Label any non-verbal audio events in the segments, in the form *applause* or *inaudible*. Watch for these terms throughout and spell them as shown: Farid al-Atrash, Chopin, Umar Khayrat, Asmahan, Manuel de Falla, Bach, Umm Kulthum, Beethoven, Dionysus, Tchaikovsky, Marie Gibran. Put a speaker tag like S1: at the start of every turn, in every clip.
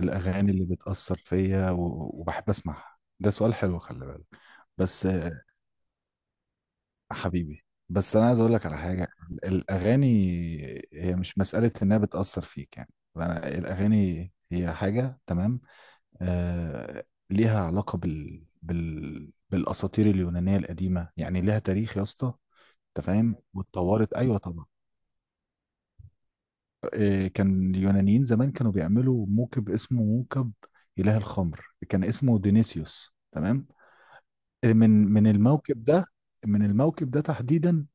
S1: الأغاني اللي بتأثر فيا وبحب أسمعها. ده سؤال حلو، خلي بالك. بس حبيبي. بس أنا عايز أقول لك على حاجة، الأغاني هي مش مسألة إنها بتأثر فيك يعني. الأغاني هي حاجة، تمام. آه ليها علاقة بالأساطير اليونانية القديمة، يعني ليها تاريخ يا اسطى. أنت فاهم، واتطورت. أيوه طبعا. كان اليونانيين زمان كانوا بيعملوا موكب، اسمه موكب إله الخمر، كان اسمه دينيسيوس، تمام. من الموكب ده، من الموكب ده تحديدا،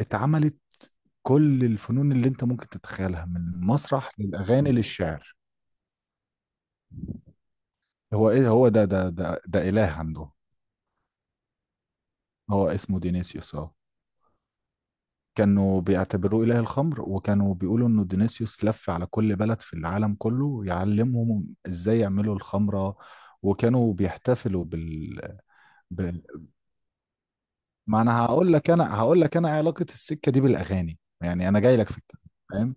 S1: اتعملت كل الفنون اللي انت ممكن تتخيلها من المسرح للاغاني للشعر. هو ايه، هو ده اله عنده. هو اسمه دينيسيوس، اه. كانوا بيعتبروه اله الخمر، وكانوا بيقولوا انه دينيسيوس لف على كل بلد في العالم كله يعلمهم ازاي يعملوا الخمره، وكانوا بيحتفلوا بال... ما انا هقول لك انا علاقه السكه دي بالاغاني، يعني انا جاي لك في الكلام.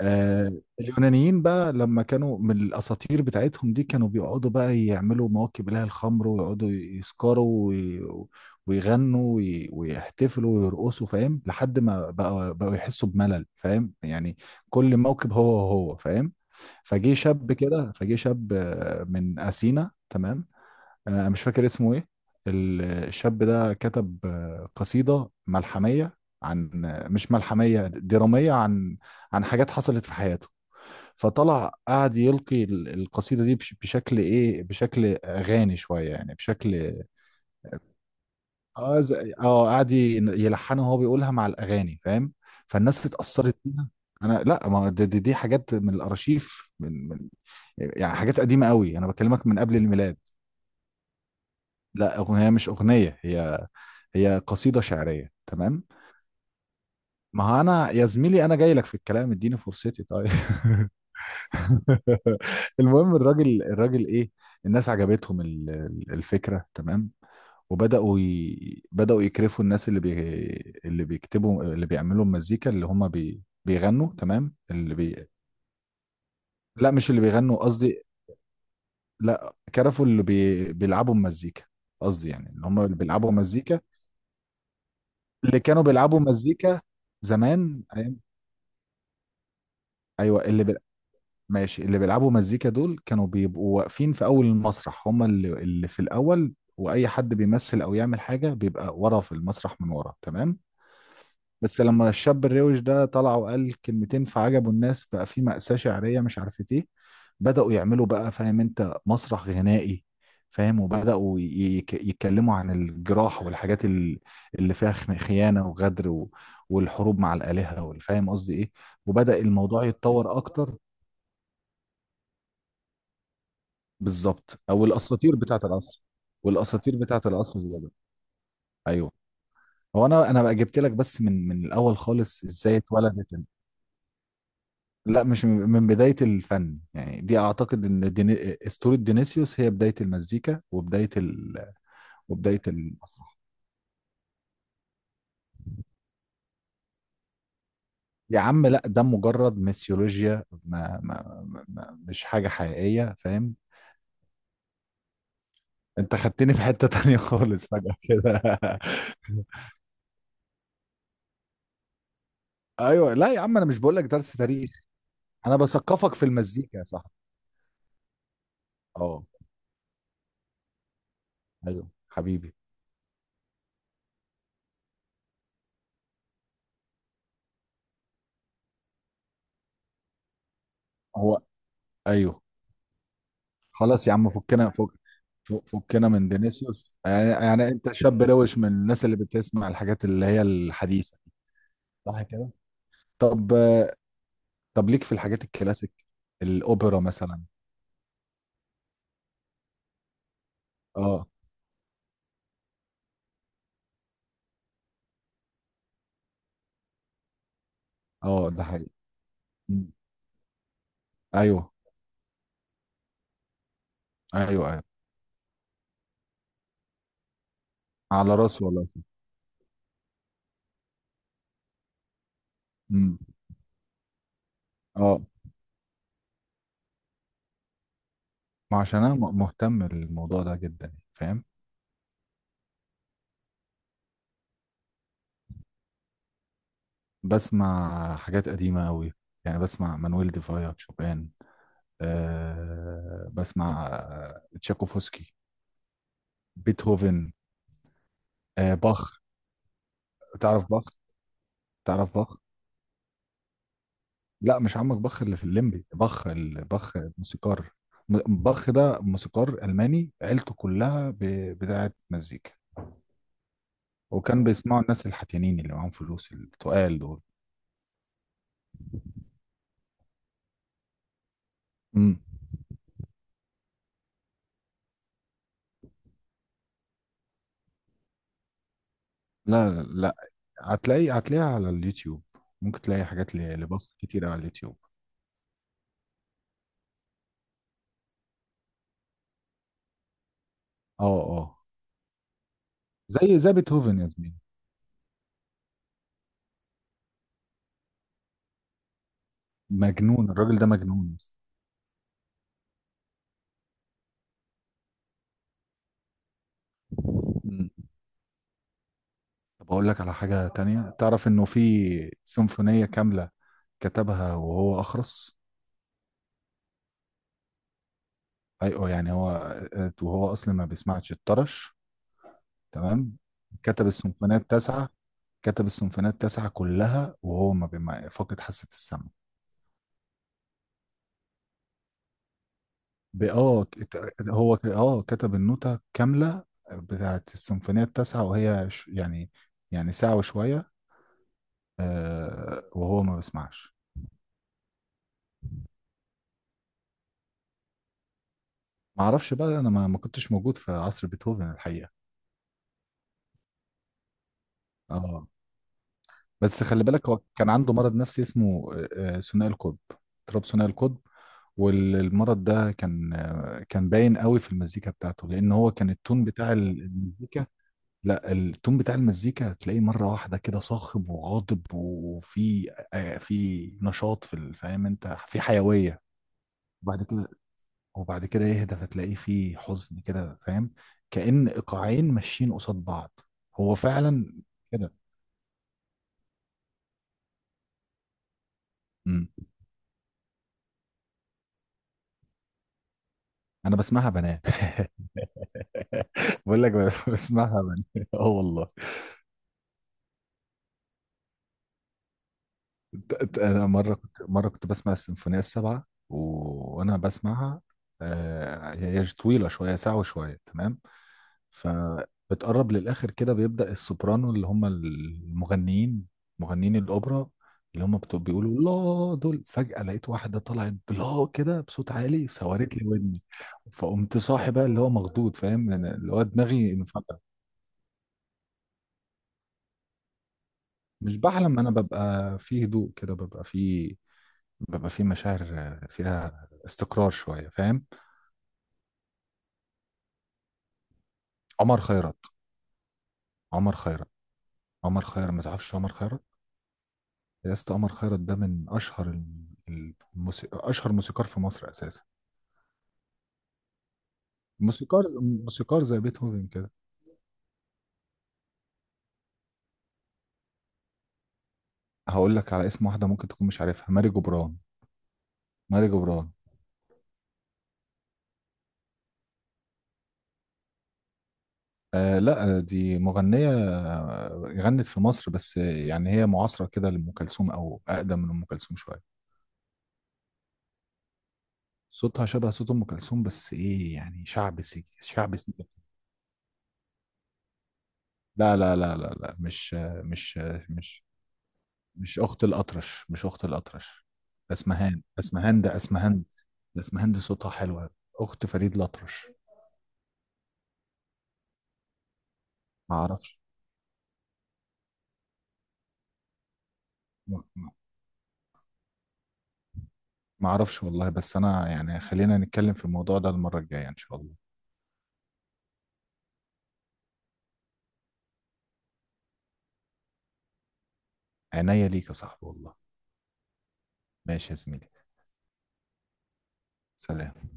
S1: آه اليونانيين بقى، لما كانوا من الأساطير بتاعتهم دي كانوا بيقعدوا بقى يعملوا مواكب لها الخمر، ويقعدوا يسكروا ويغنوا ويحتفلوا ويرقصوا، فاهم؟ لحد ما بقى بقوا يحسوا بملل، فاهم يعني، كل موكب هو فاهم. فجه شاب من أثينا، تمام. مش فاكر اسمه ايه. الشاب ده كتب قصيدة ملحمية عن مش ملحمية، درامية، عن حاجات حصلت في حياته. فطلع قعد يلقي القصيدة دي بشكل ايه، بشكل اغاني شوية، يعني بشكل، قعد يلحنها وهو بيقولها مع الاغاني، فاهم. فالناس اتأثرت بيها. انا لا، ما دي حاجات من الارشيف، من من يعني حاجات قديمة قوي، انا بكلمك من قبل الميلاد. لا، أغنية مش أغنية، هي قصيدة شعرية، تمام. ما هو أنا يا زميلي، أنا جاي لك في الكلام، اديني فرصتي، طيب. *laughs* المهم، الراجل إيه، الناس عجبتهم الفكرة، تمام. بدأوا يكرفوا الناس اللي بيكتبوا، اللي بيعملوا المزيكا، اللي هم بيغنوا، تمام، لا، مش اللي بيغنوا قصدي. لا، كرفوا اللي بيلعبوا المزيكا. قصدي يعني اللي هم اللي بيلعبوا مزيكا. اللي كانوا بيلعبوا مزيكا زمان، أيام. ايوه، ماشي، اللي بيلعبوا مزيكا دول كانوا بيبقوا واقفين في اول المسرح، هم اللي في الاول، واي حد بيمثل او يعمل حاجه بيبقى ورا في المسرح، من ورا، تمام. بس لما الشاب الروش ده طلع وقال كلمتين فعجبوا الناس، بقى في مأساة شعرية مش عارفة ايه، بدأوا يعملوا بقى، فاهم انت، مسرح غنائي، فاهم، يتكلموا عن الجراح والحاجات اللي فيها خيانة وغدر والحروب مع الآلهة، والفاهم قصدي ايه. وبدأ الموضوع يتطور أكتر. بالظبط، أو الأساطير بتاعة العصر. والأساطير بتاعة العصر زي ده، أيوه. هو أنا بقى جبت لك بس من الأول خالص، إزاي اتولدت. لا مش من بداية الفن، يعني دي أعتقد إن أسطورة دينيسيوس هي بداية المزيكا وبداية وبداية المسرح. يا عم لا، ده مجرد ميثولوجيا، ما... ما... ما... ما... مش حاجة حقيقية، فاهم. أنت خدتني في حتة تانية *laughs* خالص، فجأة كده. *laughs* أيوه لا يا عم، أنا مش بقول لك درس تاريخ. أنا بثقفك في المزيكا يا صاحبي. أه. أيوه حبيبي. هو أيوه، خلاص يا عم فكنا، فكنا من فينيسيوس، يعني انت شاب روش من الناس اللي بتسمع الحاجات اللي هي الحديثة. صح كده. طب. ليك في الحاجات الكلاسيك، الاوبرا مثلا. اه. اه، ده حقيقي. مم. ايوه، ايوه، ايوه، على راسي والله. امم اه، ما عشان انا مهتم بالموضوع ده جدا، فاهم. بسمع حاجات قديمة قوي، يعني بسمع مانويل ديفايا، شوبان، بسمع تشاكوفسكي، بيتهوفن، باخ. تعرف باخ؟ تعرف باخ؟ لا مش عمك باخ اللي في الليمبي، باخ الموسيقار. باخ ده موسيقار ألماني، عيلته كلها بتاعه مزيكا. وكان بيسمعوا الناس الحتيانين اللي معاهم فلوس، التقال دول. امم. لا، لا، لا. هتلاقي، هتلاقيها على اليوتيوب. ممكن تلاقي حاجات لباخ كتير على اليوتيوب. اه، اه، زي بيتهوفن يا زميلي. مجنون الراجل ده، مجنون. مم. طب اقول لك على حاجة تانية، تعرف انه في سيمفونية كاملة كتبها وهو أخرس. أيوه يعني هو، وهو أصلا ما بيسمعش، الطرش، تمام. كتب السيمفونيات تسعة كتب السيمفونيات تسعة كلها وهو ما بيما فاقد حاسة السمع. ب- اه ات- هو ك- اه كتب النوتة كاملة. بتاعت السيمفونيات التاسعة، وهي يعني ساعة وشوية. وهو ما بيسمعش. ما اعرفش بقى، انا ما كنتش موجود في عصر بيتهوفن الحقيقة. اه. بس خلي بالك، هو كان عنده مرض نفسي اسمه ثنائي القطب، اضطراب ثنائي القطب. والمرض ده كان كان باين قوي في المزيكا بتاعته، لان هو كان التون بتاع المزيكا. لا، التون بتاع المزيكا تلاقيه مره واحده كده صاخب وغاضب، وفي في نشاط، في فاهم انت، في حيويه. وبعد كده وبعد كده يهدى، فتلاقيه في حزن كده، فاهم. كأن ايقاعين ماشيين قصاد بعض. هو فعلا كده. مم. انا بسمعها بنام، بقول لك *laughs* بسمعها من *laughs* اه والله. انا مره كنت بسمع السيمفونيه السبعه وانا بسمعها. هي طويله شويه، ساعه وشويه، تمام. فبتقرب للاخر كده بيبدا السوبرانو، اللي هم المغنيين، مغنيين الاوبرا، اللي هم بتوع بيقولوا. لا دول، فجاه لقيت واحده طلعت بلا كده بصوت عالي، سورت لي ودني، فقمت صاحي بقى، اللي هو مخضوض، فاهم يعني، اللي هو دماغي. مش بحلم، انا ببقى في هدوء كده، ببقى في مشاعر فيها استقرار شويه، فاهم. عمر خيرت. عمر خيرت. عمر خيرت، ما تعرفش عمر خيرت؟ يا اسطى، عمر خيرت ده من اشهر موسيقار في مصر اساسا. موسيقار، موسيقار زي بيتهوفن كده. هقول لك على اسم واحده ممكن تكون مش عارفها، ماري جبران. ماري جبران، آه لا، دي مغنيه غنت في مصر بس، يعني هي معاصره كده لام كلثوم، او اقدم من ام كلثوم شويه. صوتها شبه صوت ام كلثوم، بس ايه يعني شعب سيك، شعب سيك. لا، لا، لا، لا، لا، مش مش مش اخت الاطرش، مش اخت الاطرش. اسمهان اسمهان ده اسمهان اسمهان دي صوتها حلوه، اخت فريد الاطرش. ما اعرفش ما ما- ما اعرفش والله، بس انا يعني خلينا نتكلم في الموضوع ده المره الجايه ان شاء الله. عينيا ليك يا صاحبي والله. ماشي يا زميلي، سلام.